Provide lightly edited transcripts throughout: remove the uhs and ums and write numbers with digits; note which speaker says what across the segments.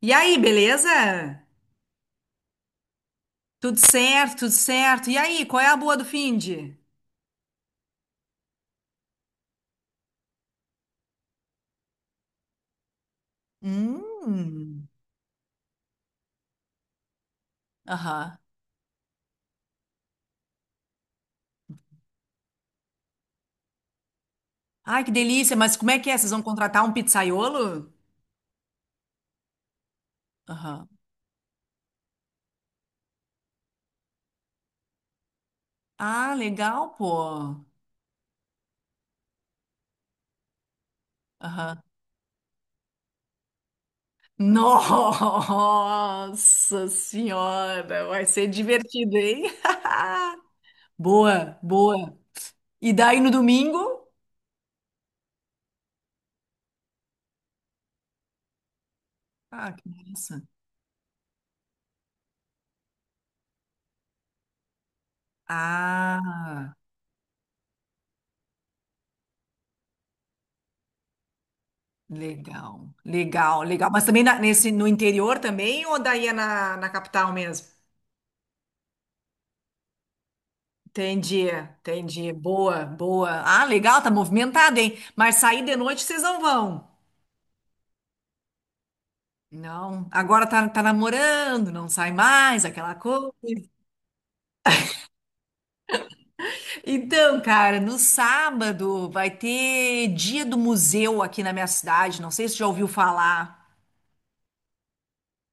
Speaker 1: E aí, beleza? Tudo certo, tudo certo. E aí, qual é a boa do finde? Hum. Aham. Ai, que delícia, mas como é que é? Vocês vão contratar um pizzaiolo? Aham. Ah, legal, pô. Aham. Nossa senhora, vai ser divertido, hein? Boa, boa. E daí no domingo? Ah, que massa. Ah. Legal, legal, legal. Mas também nesse, no interior também ou daí é na capital mesmo? Entendi, entendi. Boa, boa. Ah, legal, tá movimentado, hein? Mas sair de noite vocês não vão. Não, agora tá namorando, não sai mais, aquela coisa. Então, cara, no sábado vai ter dia do museu aqui na minha cidade. Não sei se você já ouviu falar.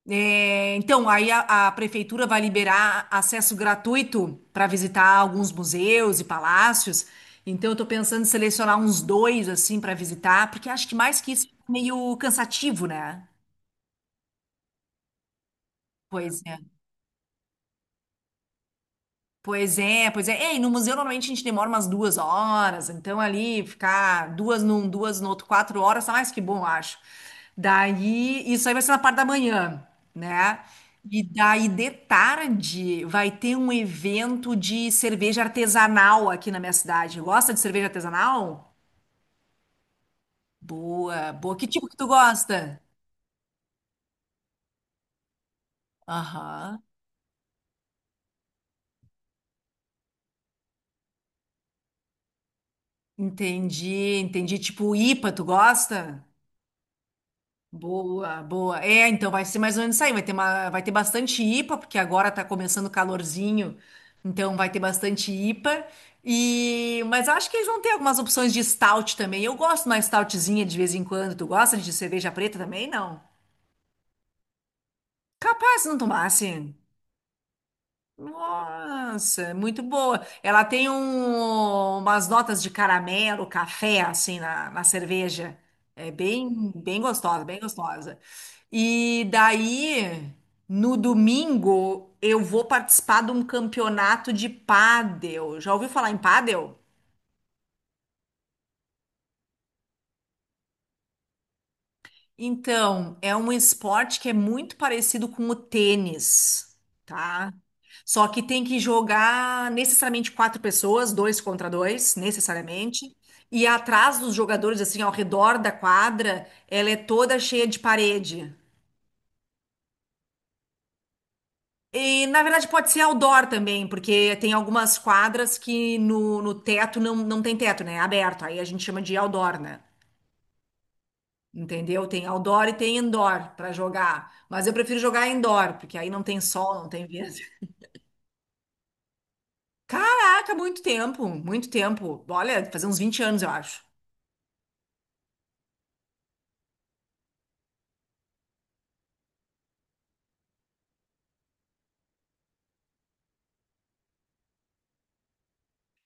Speaker 1: É, então, aí a prefeitura vai liberar acesso gratuito para visitar alguns museus e palácios. Então, eu estou pensando em selecionar uns dois assim para visitar, porque acho que mais que isso é meio cansativo, né? Pois é. Pois é, pois é. É, e no museu normalmente a gente demora umas 2 horas, então ali ficar duas num, duas no outro, 4 horas, tá mais que bom, eu acho. Daí, isso aí vai ser na parte da manhã, né? E daí de tarde vai ter um evento de cerveja artesanal aqui na minha cidade. Gosta de cerveja artesanal? Boa, boa. Que tipo que tu gosta? Aham. Entendi, entendi. Tipo IPA, tu gosta? Boa, boa. É, então vai ser mais ou menos isso aí. Vai ter bastante IPA, porque agora tá começando o calorzinho, então vai ter bastante IPA. E, mas acho que eles vão ter algumas opções de stout também. Eu gosto de uma stoutzinha de vez em quando. Tu gosta de cerveja preta também? Não. Capaz se não tomasse. Nossa, muito boa. Ela tem umas notas de caramelo, café, assim, na cerveja. É bem, bem gostosa, bem gostosa. E daí, no domingo, eu vou participar de um campeonato de pádel. Já ouviu falar em pádel? Então, é um esporte que é muito parecido com o tênis, tá? Só que tem que jogar necessariamente quatro pessoas, dois contra dois, necessariamente. E atrás dos jogadores, assim, ao redor da quadra, ela é toda cheia de parede. E, na verdade, pode ser outdoor também, porque tem algumas quadras que no teto não tem teto, né? É aberto. Aí a gente chama de outdoor, né? Entendeu? Tem outdoor e tem indoor para jogar. Mas eu prefiro jogar indoor, porque aí não tem sol, não tem vento. Caraca, muito tempo, muito tempo. Olha, fazer uns 20 anos, eu acho.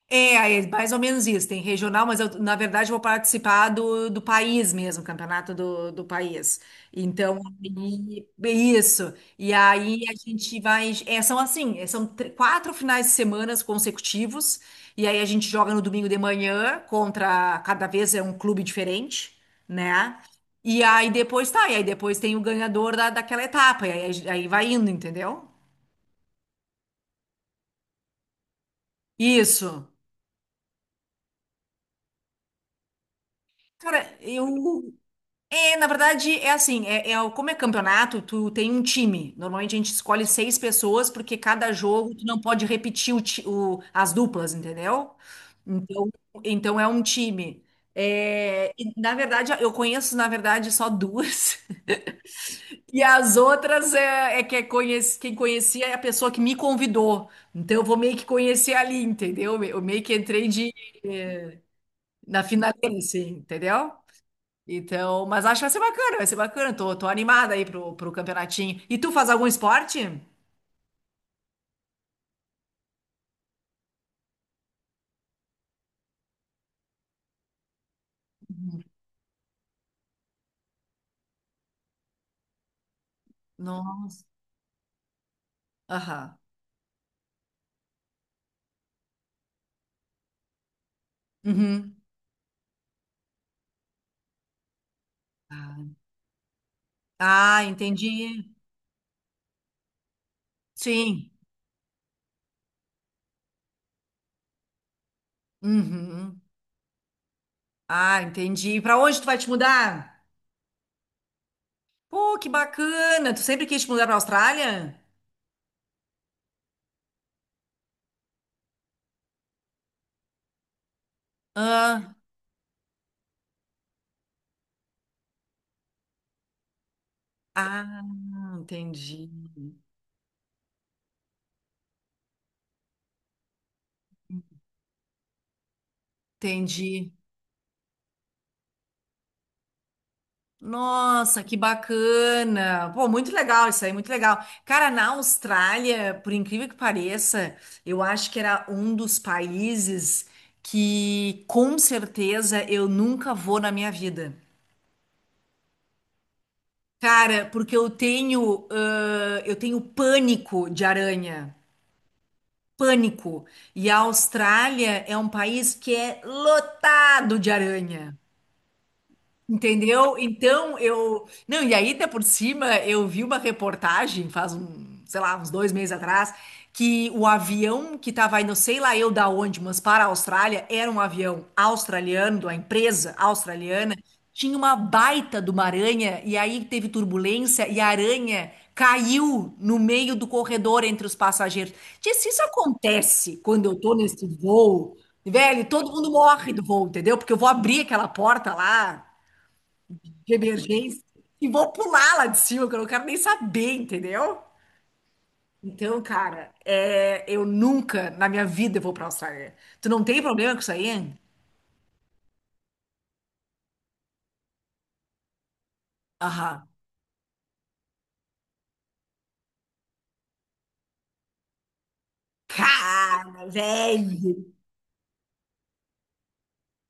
Speaker 1: É mais ou menos isso. Tem regional, mas eu, na verdade, vou participar do país mesmo, campeonato do país. Então, isso. E aí a gente vai. É, são assim, 4 finais de semana consecutivos. E aí a gente joga no domingo de manhã contra. Cada vez é um clube diferente, né? E aí depois tá. E aí depois tem o ganhador daquela etapa. E aí vai indo, entendeu? Isso. Cara, eu. É, na verdade, é assim, como é campeonato, tu tem um time. Normalmente a gente escolhe seis pessoas, porque cada jogo tu não pode repetir as duplas, entendeu? Então, então é um time. É, e, na verdade, eu conheço, na verdade, só duas. E as outras é que é conhece, quem conhecia é a pessoa que me convidou. Então eu vou meio que conhecer ali, entendeu? Eu meio que entrei na finaleira, assim, entendeu? Então, mas acho que vai ser bacana, vai ser bacana. Tô animada aí pro campeonatinho. E tu faz algum esporte? Nossa. Aham. Uhum. Ah, ah, entendi. Sim. Uhum. Ah, entendi. Pra onde tu vai te mudar? Pô, que bacana. Tu sempre quis te mudar pra Austrália? Ah, ah, entendi. Entendi. Nossa, que bacana! Pô, muito legal isso aí, muito legal. Cara, na Austrália, por incrível que pareça, eu acho que era um dos países que com certeza eu nunca vou na minha vida. Cara, porque eu tenho pânico de aranha. Pânico. E a Austrália é um país que é lotado de aranha. Entendeu? Então eu. Não, e aí, até por cima, eu vi uma reportagem faz sei lá, uns 2 meses atrás, que o avião que estava indo, sei lá eu da onde, mas para a Austrália, era um avião australiano, de uma empresa australiana, tinha uma baita de uma aranha, e aí teve turbulência, e a aranha caiu no meio do corredor entre os passageiros. Tia, se isso acontece quando eu tô nesse voo, velho, todo mundo morre do voo, entendeu? Porque eu vou abrir aquela porta lá de emergência e vou pular lá de cima, que eu não quero nem saber, entendeu? Então, cara, é, eu nunca na minha vida vou pra Austrália. Tu não tem problema com isso aí? Aham. Cara, velho.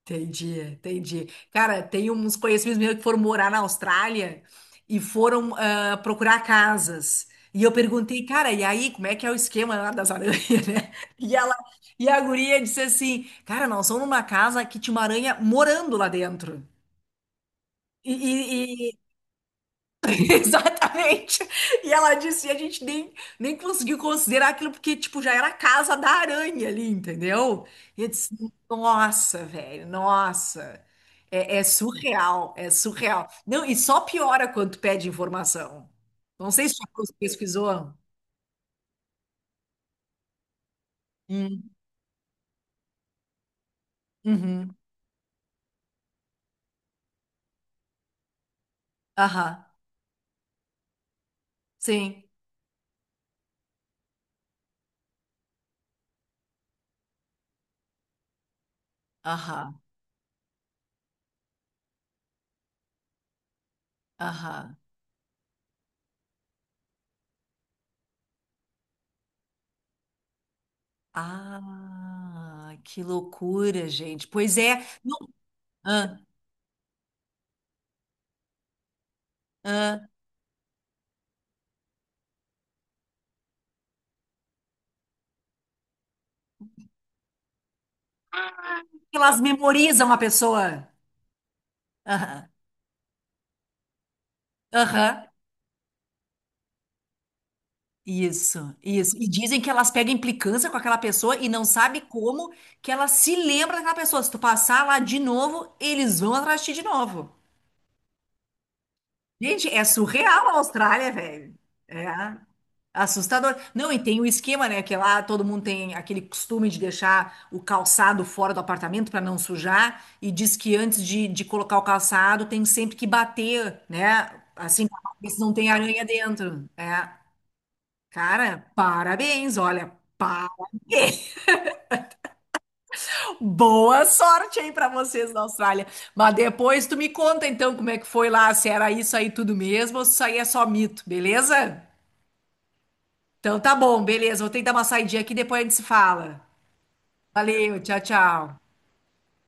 Speaker 1: Entendi, entendi. Cara, tem uns conhecidos meus que foram morar na Austrália e foram procurar casas. E eu perguntei, cara, e aí, como é que é o esquema lá das aranhas, né? E ela, e a guria disse assim, cara, nós somos numa casa que tinha uma aranha morando lá dentro. E, e- e- Exatamente. E ela disse, e a gente nem conseguiu considerar aquilo porque, tipo, já era a casa da aranha ali, entendeu? E eu disse, nossa, velho, nossa. É surreal, é surreal. Não, e só piora quando tu pede informação. Não sei se você pesquisou. Hum, uhum, aham, sim, aham, aham. Ah, que loucura, gente. Pois é. Não, ah, ah. Elas memorizam a pessoa. Aham. Aham. Isso, isso. E dizem que elas pegam implicância com aquela pessoa e não sabe como que ela se lembra daquela pessoa. Se tu passar lá de novo, eles vão atrás de ti de novo. Gente, é surreal a Austrália, velho. É assustador. Não, e tem o esquema, né? Que é lá todo mundo tem aquele costume de deixar o calçado fora do apartamento para não sujar. E diz que antes de colocar o calçado tem sempre que bater, né? Assim, pra ver se não tem aranha dentro. É. Cara, parabéns, olha. Parabéns. Boa sorte aí para vocês na Austrália. Mas depois tu me conta então como é que foi lá, se era isso aí tudo mesmo ou se isso aí é só mito, beleza? Então tá bom, beleza. Vou tentar uma saidinha aqui, depois a gente se fala. Valeu, tchau, tchau.